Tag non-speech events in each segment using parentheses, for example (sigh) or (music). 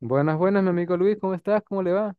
Buenas, buenas, mi amigo Luis, ¿cómo estás? ¿Cómo le va?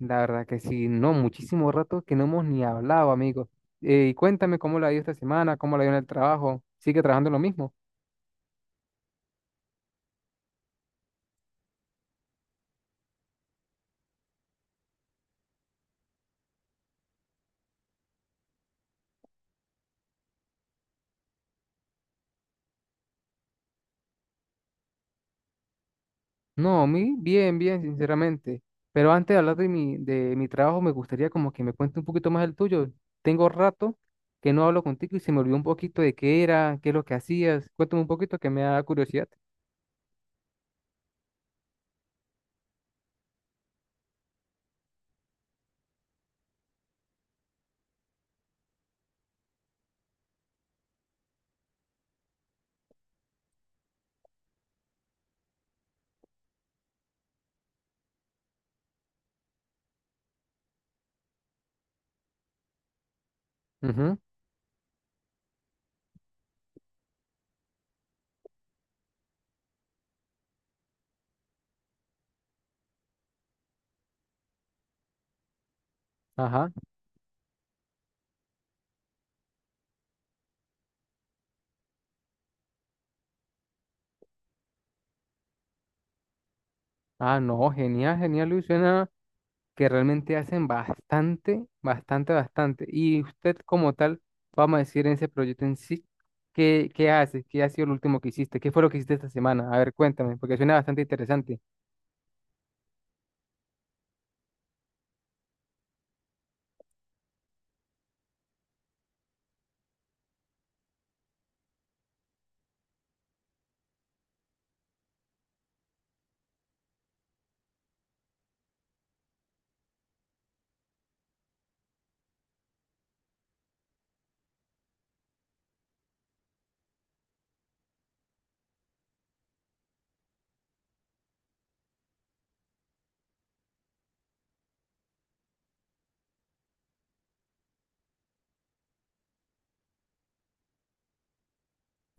La verdad que sí, no, muchísimo rato que no hemos ni hablado, amigo. Y cuéntame cómo la ha ido esta semana, cómo la ha ido en el trabajo. ¿Sigue trabajando en lo mismo? No, a mí bien, bien, sinceramente. Pero antes de hablar de mi trabajo, me gustaría como que me cuente un poquito más el tuyo. Tengo rato que no hablo contigo y se me olvidó un poquito de qué era, qué es lo que hacías. Cuéntame un poquito que me da curiosidad. Ujú. Ajá. Ah, no, genial, genial, Luis. Suena que realmente hacen bastante, bastante, bastante. Y usted como tal, vamos a decir en ese proyecto en sí, ¿qué hace? ¿Qué ha sido lo último que hiciste? ¿Qué fue lo que hiciste esta semana? A ver, cuéntame, porque suena bastante interesante.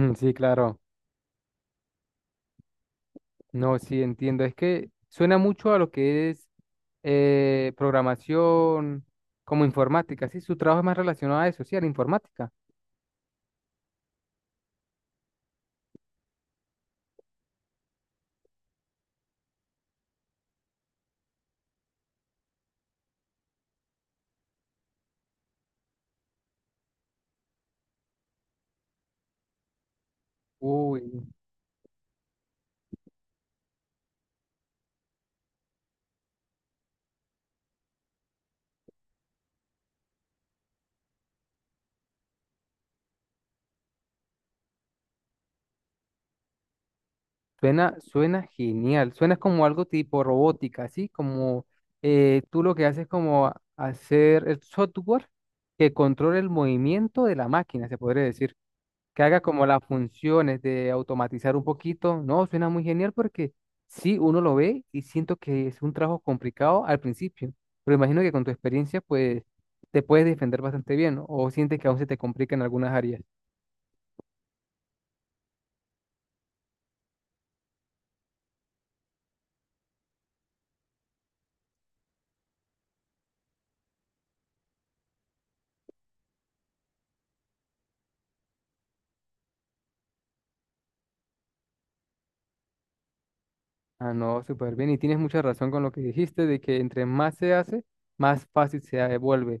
Mm, sí, claro. No, sí, entiendo. Es que suena mucho a lo que es programación como informática, ¿sí? Su trabajo es más relacionado a eso, sí, a la informática. Uy, suena, suena genial, suena como algo tipo robótica, así como tú lo que haces es como hacer el software que controle el movimiento de la máquina, se podría decir, que haga como las funciones de automatizar un poquito. No, suena muy genial porque sí, uno lo ve y siento que es un trabajo complicado al principio, pero imagino que con tu experiencia pues te puedes defender bastante bien, ¿no? O sientes que aún se te complica en algunas áreas. Ah, no, súper bien. Y tienes mucha razón con lo que dijiste de que entre más se hace, más fácil se devuelve.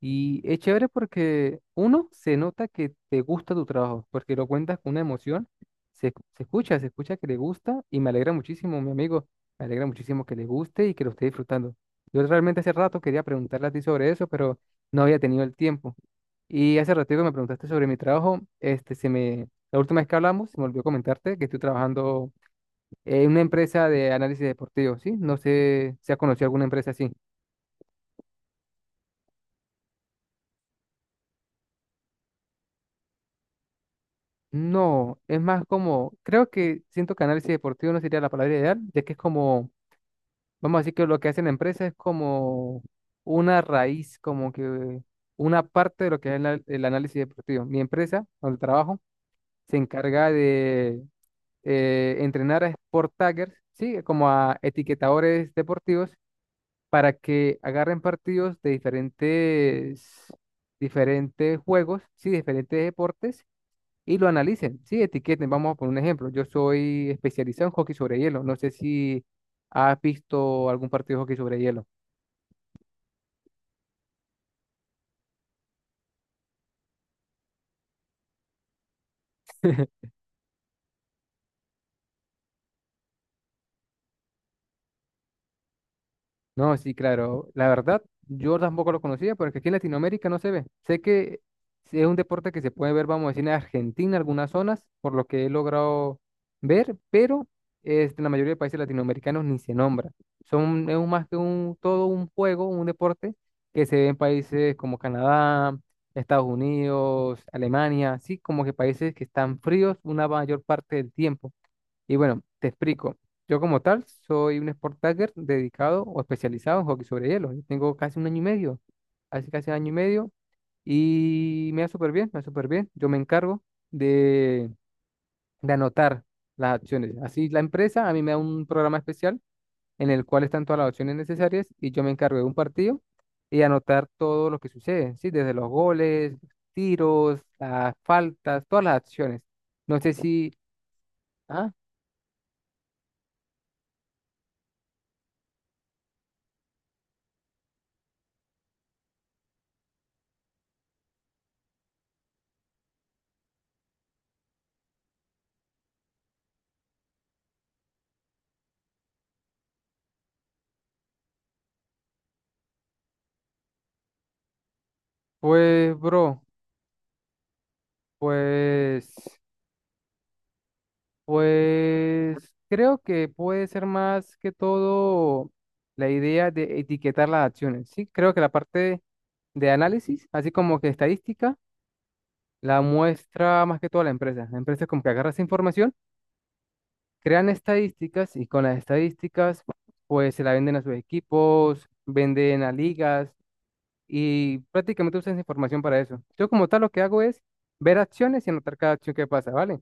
Y es chévere porque uno se nota que te gusta tu trabajo, porque lo cuentas con una emoción, se escucha, se escucha que le gusta y me alegra muchísimo, mi amigo, me alegra muchísimo que le guste y que lo esté disfrutando. Yo realmente hace rato quería preguntarle a ti sobre eso, pero no había tenido el tiempo. Y hace ratito que me preguntaste sobre mi trabajo, este, la última vez que hablamos, se me olvidó comentarte que estoy trabajando. Una empresa de análisis deportivo, ¿sí? No sé si ha conocido alguna empresa así. No, es más como, creo que siento que análisis deportivo no sería la palabra ideal, ya que es como, vamos a decir que lo que hace la empresa es como una raíz, como que una parte de lo que es el análisis deportivo. Mi empresa, donde trabajo, se encarga de entrenar a sport taggers, ¿sí? Como a etiquetadores deportivos para que agarren partidos de diferentes juegos, sí, diferentes deportes y lo analicen, sí, etiqueten. Vamos a poner un ejemplo. Yo soy especializado en hockey sobre hielo. No sé si has visto algún partido de hockey sobre hielo. (laughs) No, sí, claro. La verdad, yo tampoco lo conocía porque aquí en Latinoamérica no se ve. Sé que sí es un deporte que se puede ver, vamos a decir, en Argentina, algunas zonas, por lo que he logrado ver, pero este, en la mayoría de países latinoamericanos ni se nombra. Son, es más que un, todo un juego, un deporte que se ve en países como Canadá, Estados Unidos, Alemania, así como que países que están fríos una mayor parte del tiempo. Y bueno, te explico. Yo como tal soy un sport tagger dedicado o especializado en hockey sobre hielo. Yo tengo casi un año y medio, hace casi un año y medio, y me va súper bien, me va súper bien. Yo me encargo de, de anotar las acciones. Así la empresa a mí me da un programa especial en el cual están todas las opciones necesarias y yo me encargo de un partido y anotar todo lo que sucede, ¿sí? Desde los goles, los tiros, las faltas, todas las acciones. No sé si... Ah, pues, bro. Pues, pues creo que puede ser más que todo la idea de etiquetar las acciones, ¿sí? Creo que la parte de análisis, así como que estadística, la muestra más que todo la empresa. La empresa como que agarra esa información, crean estadísticas y con las estadísticas pues se la venden a sus equipos, venden a ligas y prácticamente usan esa información para eso. Yo como tal lo que hago es ver acciones y anotar cada acción que pasa, ¿vale?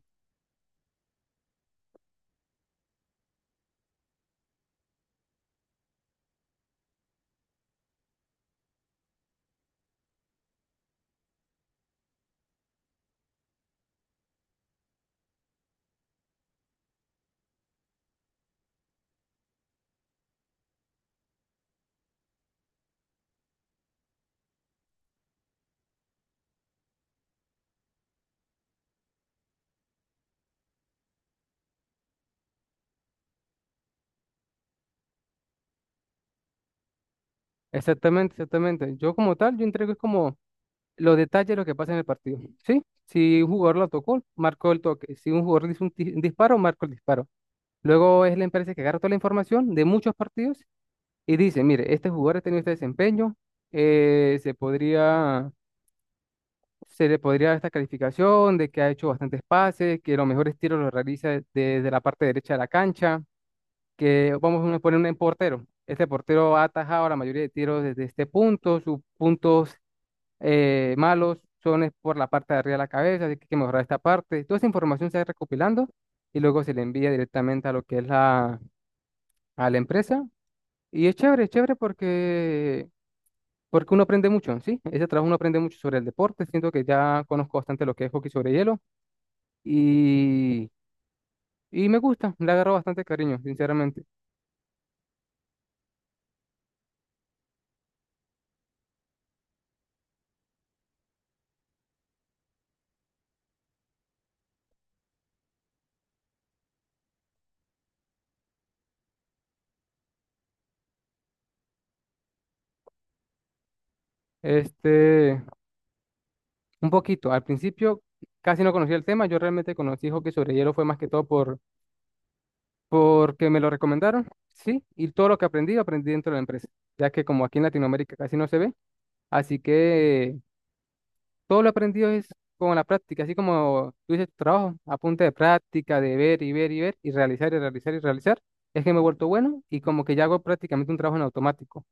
Exactamente, exactamente. Yo como tal, yo entrego es como los detalles de lo que pasa en el partido. ¿Sí? Si un jugador lo tocó, marcó el toque. Si un jugador dice un disparo, marcó el disparo. Luego es la empresa que agarra toda la información de muchos partidos y dice, mire, este jugador ha tenido este desempeño, se podría, se le podría dar esta calificación de que ha hecho bastantes pases, que los mejores tiros los realiza desde la parte derecha de la cancha, que vamos a poner un portero. Este portero ha atajado la mayoría de tiros desde este punto, sus puntos malos, son es por la parte de arriba de la cabeza, así que hay que mejorar esta parte. Toda esa información se va recopilando y luego se le envía directamente a lo que es a la empresa. Y es chévere porque, porque uno aprende mucho, ¿sí? Ese trabajo uno aprende mucho sobre el deporte, siento que ya conozco bastante lo que es hockey sobre hielo y, y me gusta, le agarro bastante cariño, sinceramente. Este, un poquito, al principio casi no conocía el tema, yo realmente conocí hockey sobre hielo fue más que todo porque me lo recomendaron, sí, y todo lo que aprendí, aprendí dentro de la empresa, ya que como aquí en Latinoamérica casi no se ve, así que todo lo aprendido es con la práctica, así como tú dices, tu trabajo, a punta de práctica, de ver y ver y ver, y realizar y realizar y realizar, es que me he vuelto bueno y como que ya hago prácticamente un trabajo en automático.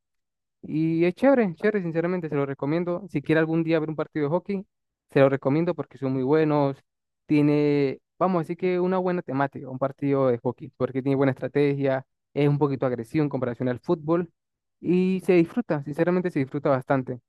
Y es chévere, chévere, sinceramente, se lo recomiendo. Si quiere algún día ver un partido de hockey, se lo recomiendo porque son muy buenos. Tiene, vamos a decir que una buena temática, un partido de hockey, porque tiene buena estrategia, es un poquito agresivo en comparación al fútbol y se disfruta, sinceramente se disfruta bastante.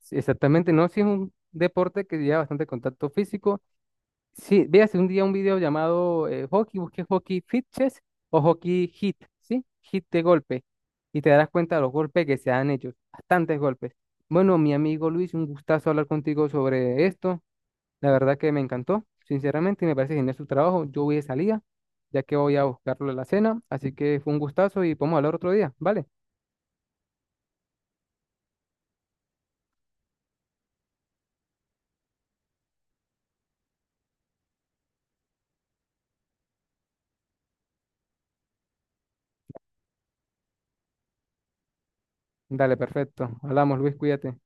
Sí, exactamente, no, si es un deporte que lleva bastante contacto físico. Sí, véase un día un video llamado hockey, busque hockey fit chess o hockey hit, ¿sí? Hit de golpe. Y te darás cuenta de los golpes que se dan ellos, bastantes golpes. Bueno, mi amigo Luis, un gustazo hablar contigo sobre esto. La verdad que me encantó, sinceramente, y me parece genial su trabajo. Yo voy de salida, ya que voy a buscarlo en la cena, así que fue un gustazo y podemos hablar otro día, ¿vale? Dale, perfecto. Hablamos, Luis, cuídate.